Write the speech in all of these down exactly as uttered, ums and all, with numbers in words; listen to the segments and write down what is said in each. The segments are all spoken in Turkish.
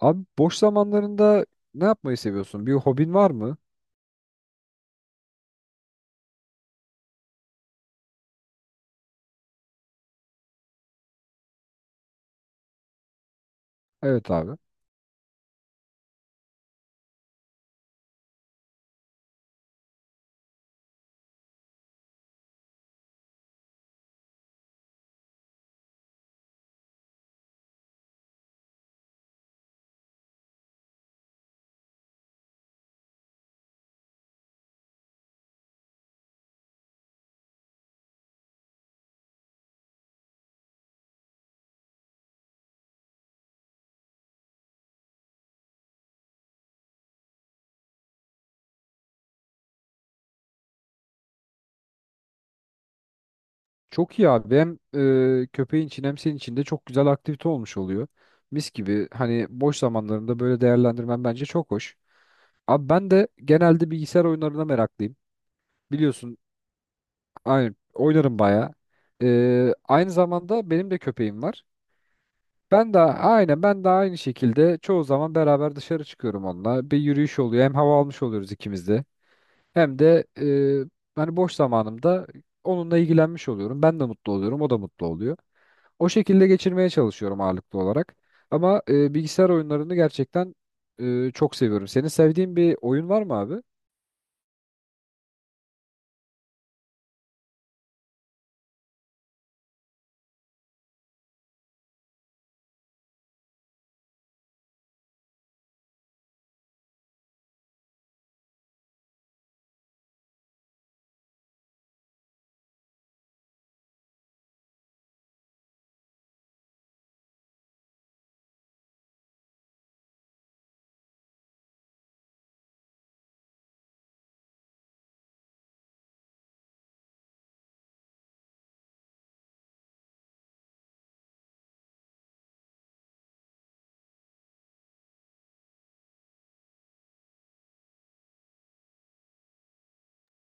Abi boş zamanlarında ne yapmayı seviyorsun? Bir hobin var mı? Evet abi. Çok iyi abi. Hem e, köpeğin için hem senin için de çok güzel aktivite olmuş oluyor. Mis gibi hani boş zamanlarında böyle değerlendirmen bence çok hoş. Abi ben de genelde bilgisayar oyunlarına meraklıyım. Biliyorsun aynı oynarım bayağı. E, aynı zamanda benim de köpeğim var. Ben de aynen ben de aynı şekilde çoğu zaman beraber dışarı çıkıyorum onunla. Bir yürüyüş oluyor. Hem hava almış oluyoruz ikimiz de. Hem de e, hani boş zamanımda onunla ilgilenmiş oluyorum. Ben de mutlu oluyorum, o da mutlu oluyor. O şekilde geçirmeye çalışıyorum ağırlıklı olarak. Ama e, bilgisayar oyunlarını gerçekten e, çok seviyorum. Senin sevdiğin bir oyun var mı abi?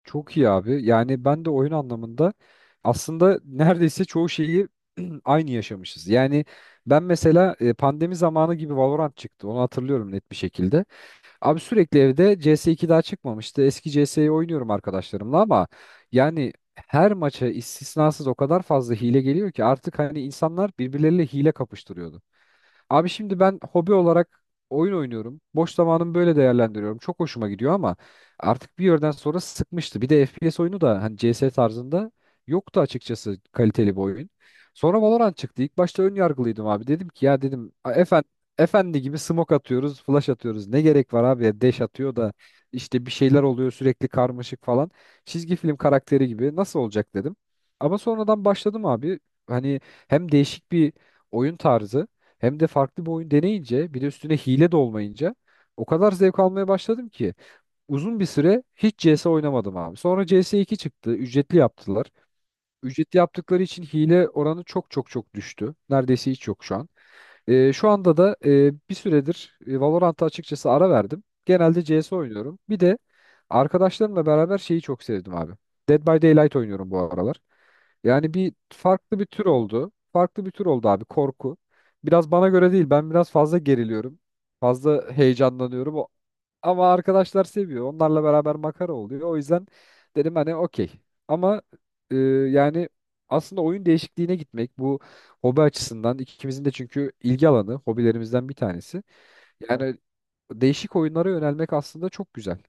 Çok iyi abi. Yani ben de oyun anlamında aslında neredeyse çoğu şeyi aynı yaşamışız. Yani ben mesela e, pandemi zamanı gibi Valorant çıktı. Onu hatırlıyorum net bir şekilde. Abi sürekli evde C S iki daha çıkmamıştı. Eski C S'yi oynuyorum arkadaşlarımla ama yani her maça istisnasız o kadar fazla hile geliyor ki artık hani insanlar birbirleriyle hile kapıştırıyordu. Abi şimdi ben hobi olarak oyun oynuyorum. Boş zamanımı böyle değerlendiriyorum. Çok hoşuma gidiyor ama artık bir yerden sonra sıkmıştı. Bir de F P S oyunu da hani C S tarzında yoktu açıkçası kaliteli bir oyun. Sonra Valorant çıktı. İlk başta ön yargılıydım abi. Dedim ki ya dedim efendi, efendi gibi smoke atıyoruz, flash atıyoruz. Ne gerek var abi? Ya, dash atıyor da işte bir şeyler oluyor sürekli karmaşık falan. Çizgi film karakteri gibi nasıl olacak dedim. Ama sonradan başladım abi. Hani hem değişik bir oyun tarzı hem de farklı bir oyun deneyince bir de üstüne hile de olmayınca o kadar zevk almaya başladım ki uzun bir süre hiç C S oynamadım abi. Sonra C S iki çıktı, ücretli yaptılar. Ücret yaptıkları için hile oranı çok çok çok düştü. Neredeyse hiç yok şu an. Ee, şu anda da e, bir süredir e, Valorant'a açıkçası ara verdim. Genelde C S oynuyorum. Bir de arkadaşlarımla beraber şeyi çok sevdim abi. Dead by Daylight oynuyorum bu aralar. Yani bir farklı bir tür oldu. Farklı bir tür oldu abi korku. Biraz bana göre değil. Ben biraz fazla geriliyorum. Fazla heyecanlanıyorum. O. Ama arkadaşlar seviyor. Onlarla beraber makara oluyor. O yüzden dedim hani okey. Ama e, yani aslında oyun değişikliğine gitmek bu hobi açısından ikimizin de çünkü ilgi alanı hobilerimizden bir tanesi. Yani değişik oyunlara yönelmek aslında çok güzel.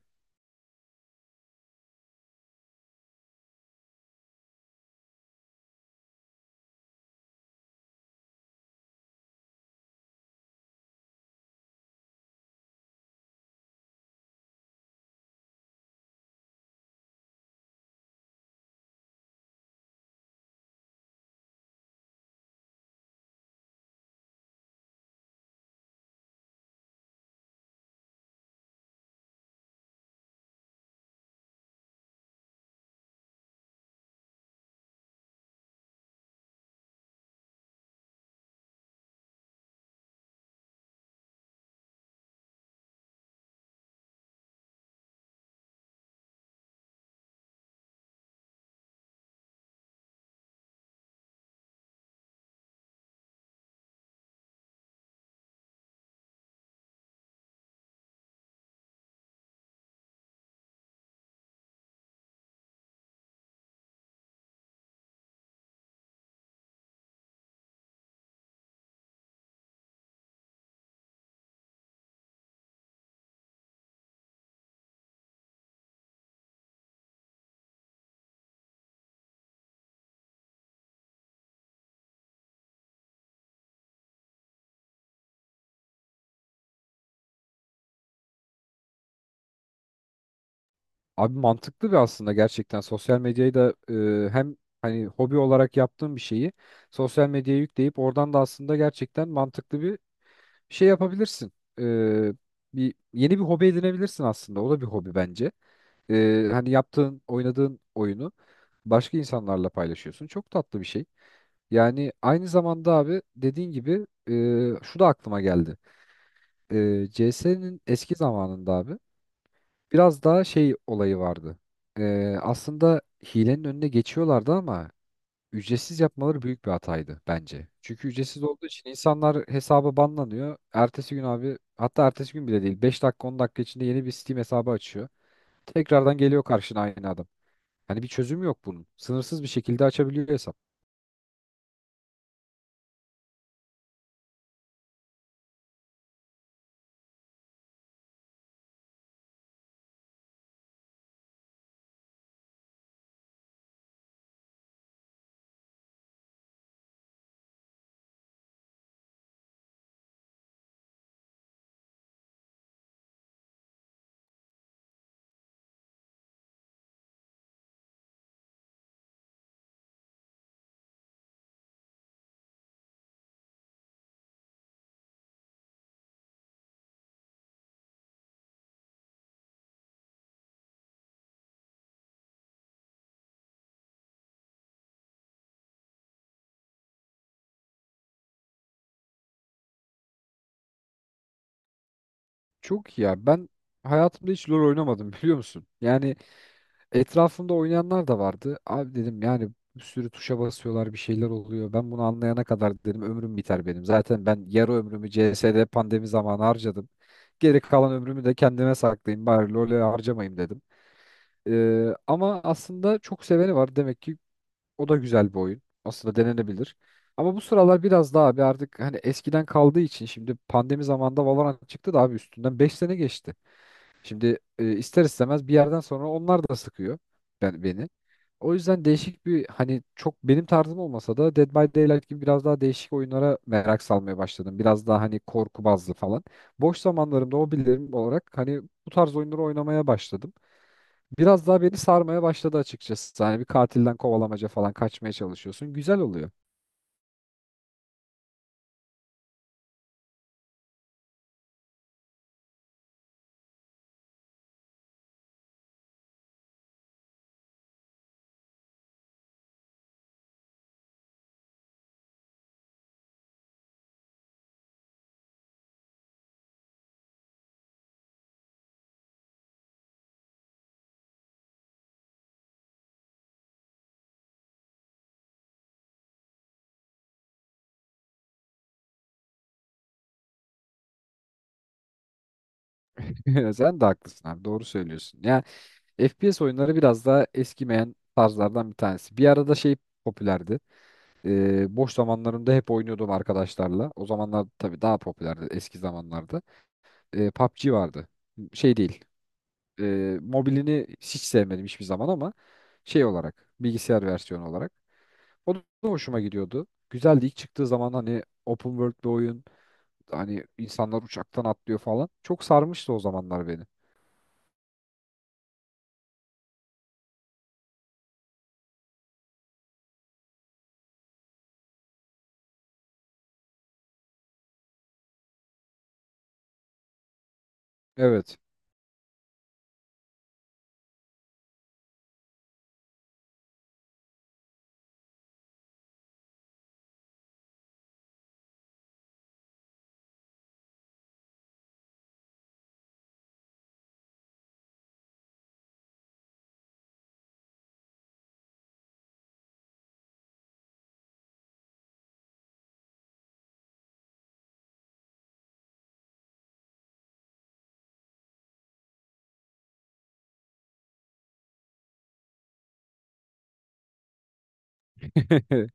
Abi mantıklı bir aslında gerçekten sosyal medyayı da e, hem hani hobi olarak yaptığın bir şeyi sosyal medyaya yükleyip oradan da aslında gerçekten mantıklı bir şey yapabilirsin. E, bir yeni bir hobi edinebilirsin aslında. O da bir hobi bence. E, hani yaptığın, oynadığın oyunu başka insanlarla paylaşıyorsun. Çok tatlı bir şey. Yani aynı zamanda abi dediğin gibi e, şu da aklıma geldi. E, C S'nin eski zamanında abi biraz daha şey olayı vardı. E, aslında hilenin önüne geçiyorlardı ama ücretsiz yapmaları büyük bir hataydı bence. Çünkü ücretsiz olduğu için insanlar hesaba banlanıyor. Ertesi gün abi hatta ertesi gün bile değil beş dakika on dakika içinde yeni bir Steam hesabı açıyor. Tekrardan geliyor karşına aynı adam. Hani bir çözüm yok bunun. Sınırsız bir şekilde açabiliyor hesap. Çok iyi ya. Ben hayatımda hiç LoL oynamadım biliyor musun? Yani etrafımda oynayanlar da vardı. Abi dedim yani bir sürü tuşa basıyorlar bir şeyler oluyor. Ben bunu anlayana kadar dedim ömrüm biter benim. Zaten ben yarı ömrümü C S'de pandemi zamanı harcadım. Geri kalan ömrümü de kendime saklayayım bari LoL'e harcamayayım dedim. Ee, ama aslında çok seveni var. Demek ki o da güzel bir oyun. Aslında denenebilir. Ama bu sıralar biraz daha abi artık hani eskiden kaldığı için şimdi pandemi zamanında Valorant çıktı da abi üstünden beş sene geçti. Şimdi e, ister istemez bir yerden sonra onlar da sıkıyor ben beni. O yüzden değişik bir hani çok benim tarzım olmasa da Dead by Daylight gibi biraz daha değişik oyunlara merak salmaya başladım. Biraz daha hani korku bazlı falan. Boş zamanlarımda hobilerim olarak hani bu tarz oyunları oynamaya başladım. Biraz daha beni sarmaya başladı açıkçası. Hani bir katilden kovalamaca falan kaçmaya çalışıyorsun. Güzel oluyor. Sen de haklısın abi. Doğru söylüyorsun. Yani F P S oyunları biraz daha eskimeyen tarzlardan bir tanesi. Bir arada şey popülerdi. Ee, boş zamanlarımda hep oynuyordum arkadaşlarla. O zamanlar tabii daha popülerdi eski zamanlarda. Ee, PUBG vardı. Şey değil. Ee, mobilini hiç sevmedim hiçbir zaman ama şey olarak bilgisayar versiyonu olarak. O da hoşuma gidiyordu. Güzeldi. İlk çıktığı zaman hani open world bir oyun. Hani insanlar uçaktan atlıyor falan. Çok sarmıştı o zamanlar beni. Evet.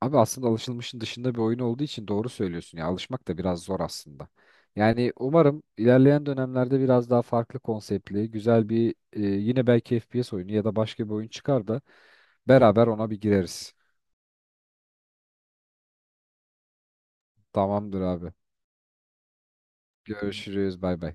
Abi aslında alışılmışın dışında bir oyun olduğu için doğru söylüyorsun ya. Alışmak da biraz zor aslında. Yani umarım ilerleyen dönemlerde biraz daha farklı konseptli, güzel bir e, yine belki F P S oyunu ya da başka bir oyun çıkar da beraber ona bir gireriz. Tamamdır abi. Görüşürüz. Bay bay.